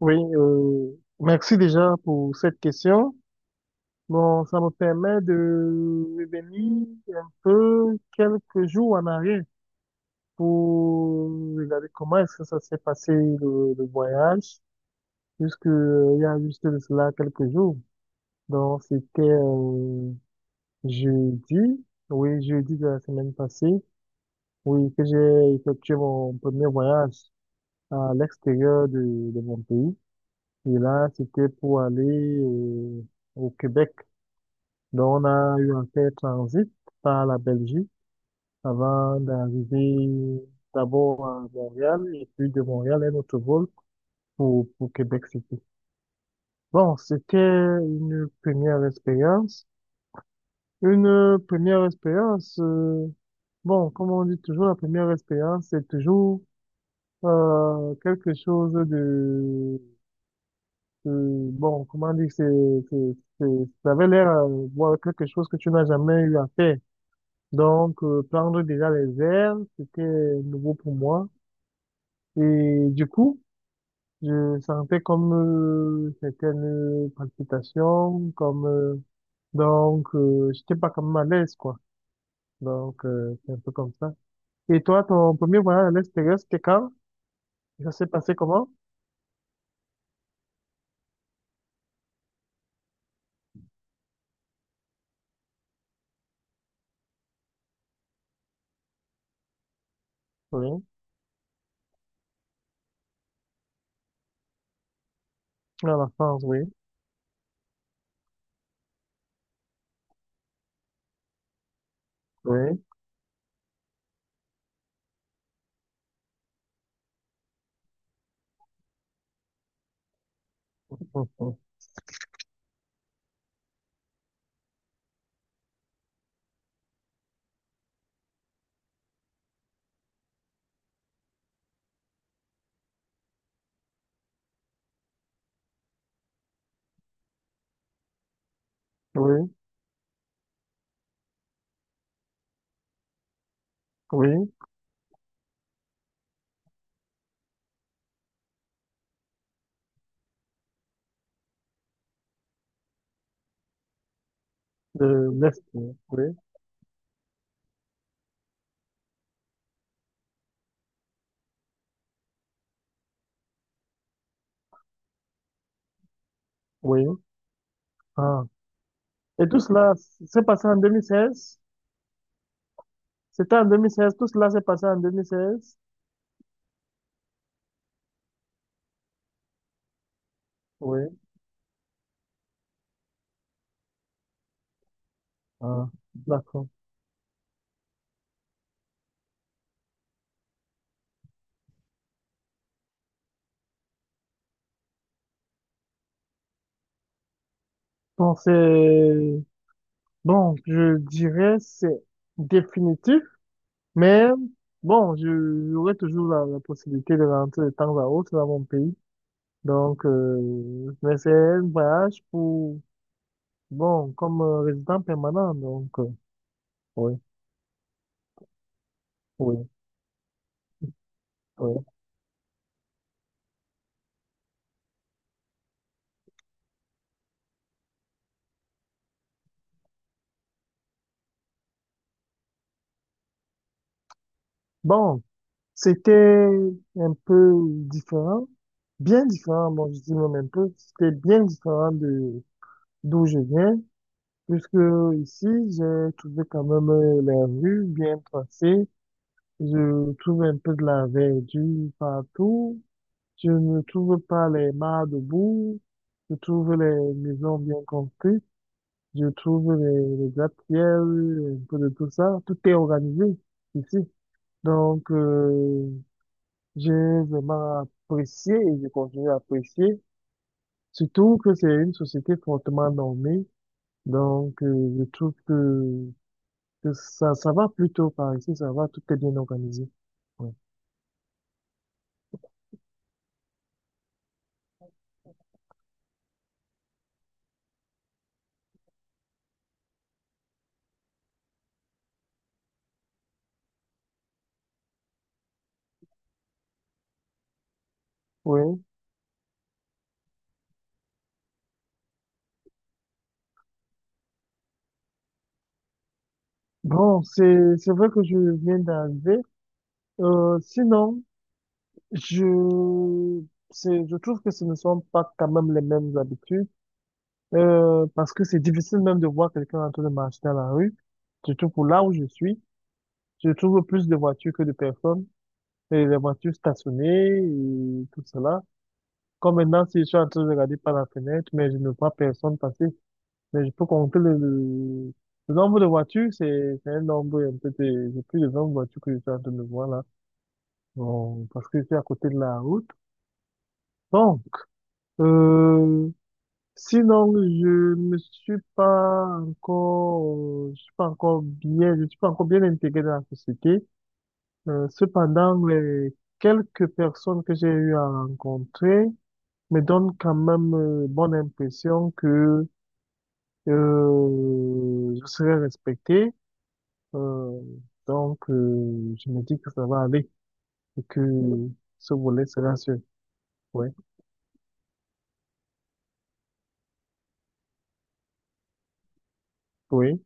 Oui, merci déjà pour cette question. Bon, ça me permet de revenir un peu quelques jours en arrière pour regarder comment est-ce que ça s'est passé le voyage, puisque il y a juste de cela quelques jours. Donc, c'était jeudi, oui, jeudi de la semaine passée, oui, que j'ai effectué mon premier voyage à l'extérieur de mon pays. Et là, c'était pour aller au Québec. Donc, on a eu un fait transit par la Belgique avant d'arriver d'abord à Montréal et puis de Montréal, un autre vol pour Québec City. Bon, c'était une première expérience. Une première expérience, bon, comme on dit toujours, la première expérience, c'est toujours quelque chose de, bon, comment dire, c'est, c'est- ça avait l'air voilà, quelque chose que tu n'as jamais eu à faire. Donc, prendre déjà les airs, c'était nouveau pour moi. Et du coup, je sentais comme certaines palpitations, comme j'étais pas comme à l'aise, quoi. Donc, c'est un peu comme ça. Et toi, ton premier voyage à l'extérieur, c'était quand? Ça s'est passé comment? Oui, à la France, oui, oui, oui, oui, de l'Est, oui. Oui. Oui. Ah. Et tout cela s'est passé en 2016? C'était en deux mille seize, tout cela s'est passé en deux mille seize. Oui. Ah, d'accord. Bon, c'est, bon, je dirais c'est définitif, mais bon, je- j'aurai toujours la possibilité de rentrer de temps à autre dans mon pays. Donc, mais c'est un voyage pour, bon, comme résident permanent, donc, oui, oui, oui. Bon. C'était un peu différent, bien différent, bon, je dis même un peu, c'était bien différent de d'où je viens, puisque ici, j'ai trouvé quand même les rues bien tracées, je trouve un peu de la verdure partout, je ne trouve pas les mares debout, je trouve les maisons bien construites, je trouve les gratte-ciels, un peu de tout ça, tout est organisé ici. Donc, j'ai vraiment apprécié et je continue à apprécier, surtout que c'est une société fortement normée. Donc, je trouve que ça va plutôt par ici, ça va, tout est bien organisé. Ouais. Oui. Bon, c'est vrai que je viens d'arriver. Sinon, je, c'est, je trouve que ce ne sont pas quand même les mêmes habitudes, parce que c'est difficile même de voir quelqu'un en train de marcher dans la rue. Surtout pour là où je suis, je trouve plus de voitures que de personnes, et les voitures stationnées et tout cela. Comme maintenant, si je suis en train de regarder par la fenêtre, mais je ne vois personne passer, mais je peux compter le nombre de voitures, c'est un nombre un peu de, j'ai plus de 20 voitures que je suis en train de voir là. Bon, parce que je suis à côté de la route. Bon, euh, sinon, je me suis pas encore, je suis pas encore bien, je suis pas encore bien intégré dans la société. Cependant, les quelques personnes que j'ai eu à rencontrer me donne quand même bonne impression que je serai respecté. Euh, je me dis que ça va aller et que ce volet sera sûr. Oui, oui,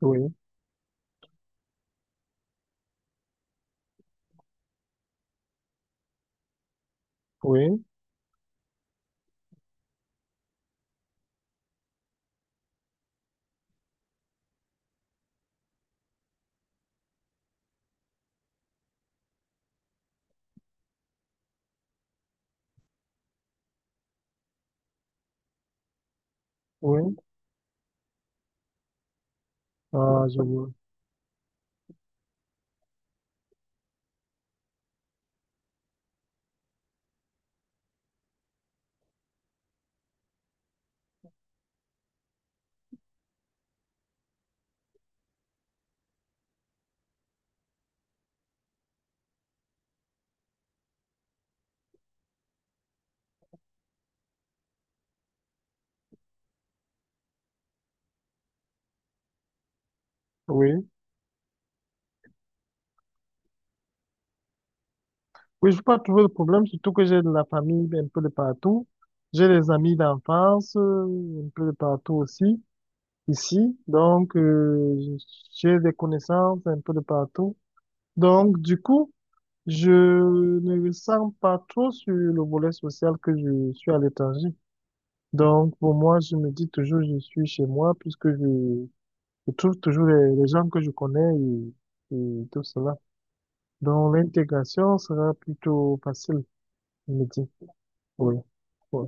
oui, oui, oui. Ah, je vois. Oui. Oui, je veux pas trouver de problème, surtout que j'ai de la famille un peu de partout. J'ai des amis d'enfance un peu de partout aussi, ici. Donc, j'ai des connaissances un peu de partout. Donc, du coup, je ne ressens pas trop sur le volet social que je suis à l'étranger. Donc, pour moi, je me dis toujours, je suis chez moi puisque je trouve toujours les gens que je connais et tout cela. Donc, l'intégration sera plutôt facile, je me dis. Oui, oui.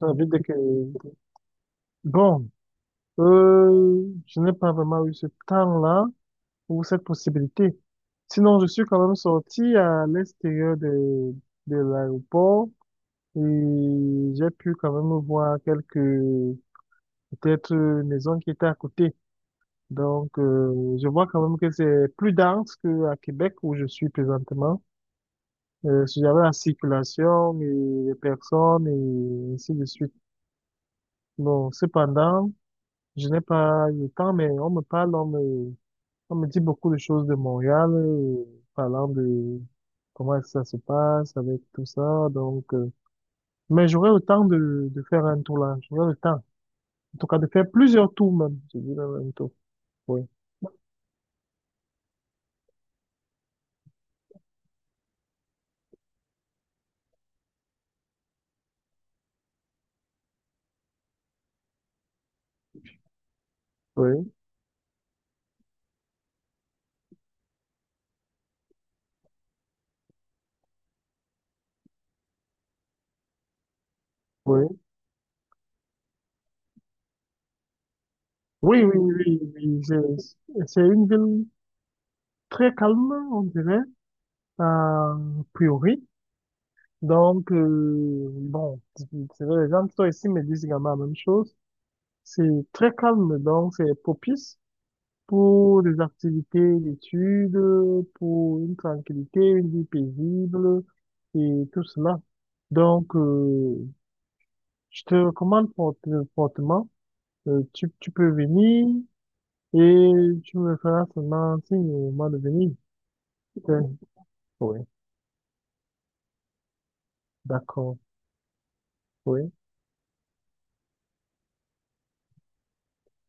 Ça veut dire que, bon, je n'ai pas vraiment eu ce temps-là ou cette possibilité. Sinon, je suis quand même sorti à l'extérieur de l'aéroport. Et j'ai pu quand même voir quelques, peut-être, maisons qui étaient à côté. Donc, je vois quand même que c'est plus dense qu'à Québec où je suis présentement. Si j'avais la circulation et les personnes et ainsi de suite. Bon, cependant, je n'ai pas eu le temps, mais on me parle, on me dit beaucoup de choses de Montréal, parlant de comment ça se passe avec tout ça. Donc, mais j'aurais le temps de faire un tour là. J'aurais le temps. En tout cas, de faire plusieurs tours même. Je dis le même tour. Oui. Oui, oui. Oui, oui, oui, oui. C'est une ville très calme, on dirait, a priori. Donc, bon, c'est vrai, les gens qui sont ici me disent également la même chose. C'est très calme, donc c'est propice pour des activités d'études, pour une tranquillité, une vie paisible et tout cela. Donc, je te recommande fort- fortement, tu, tu peux venir et tu me feras seulement signe au moment de venir. Euh, Oui, d'accord. Oui.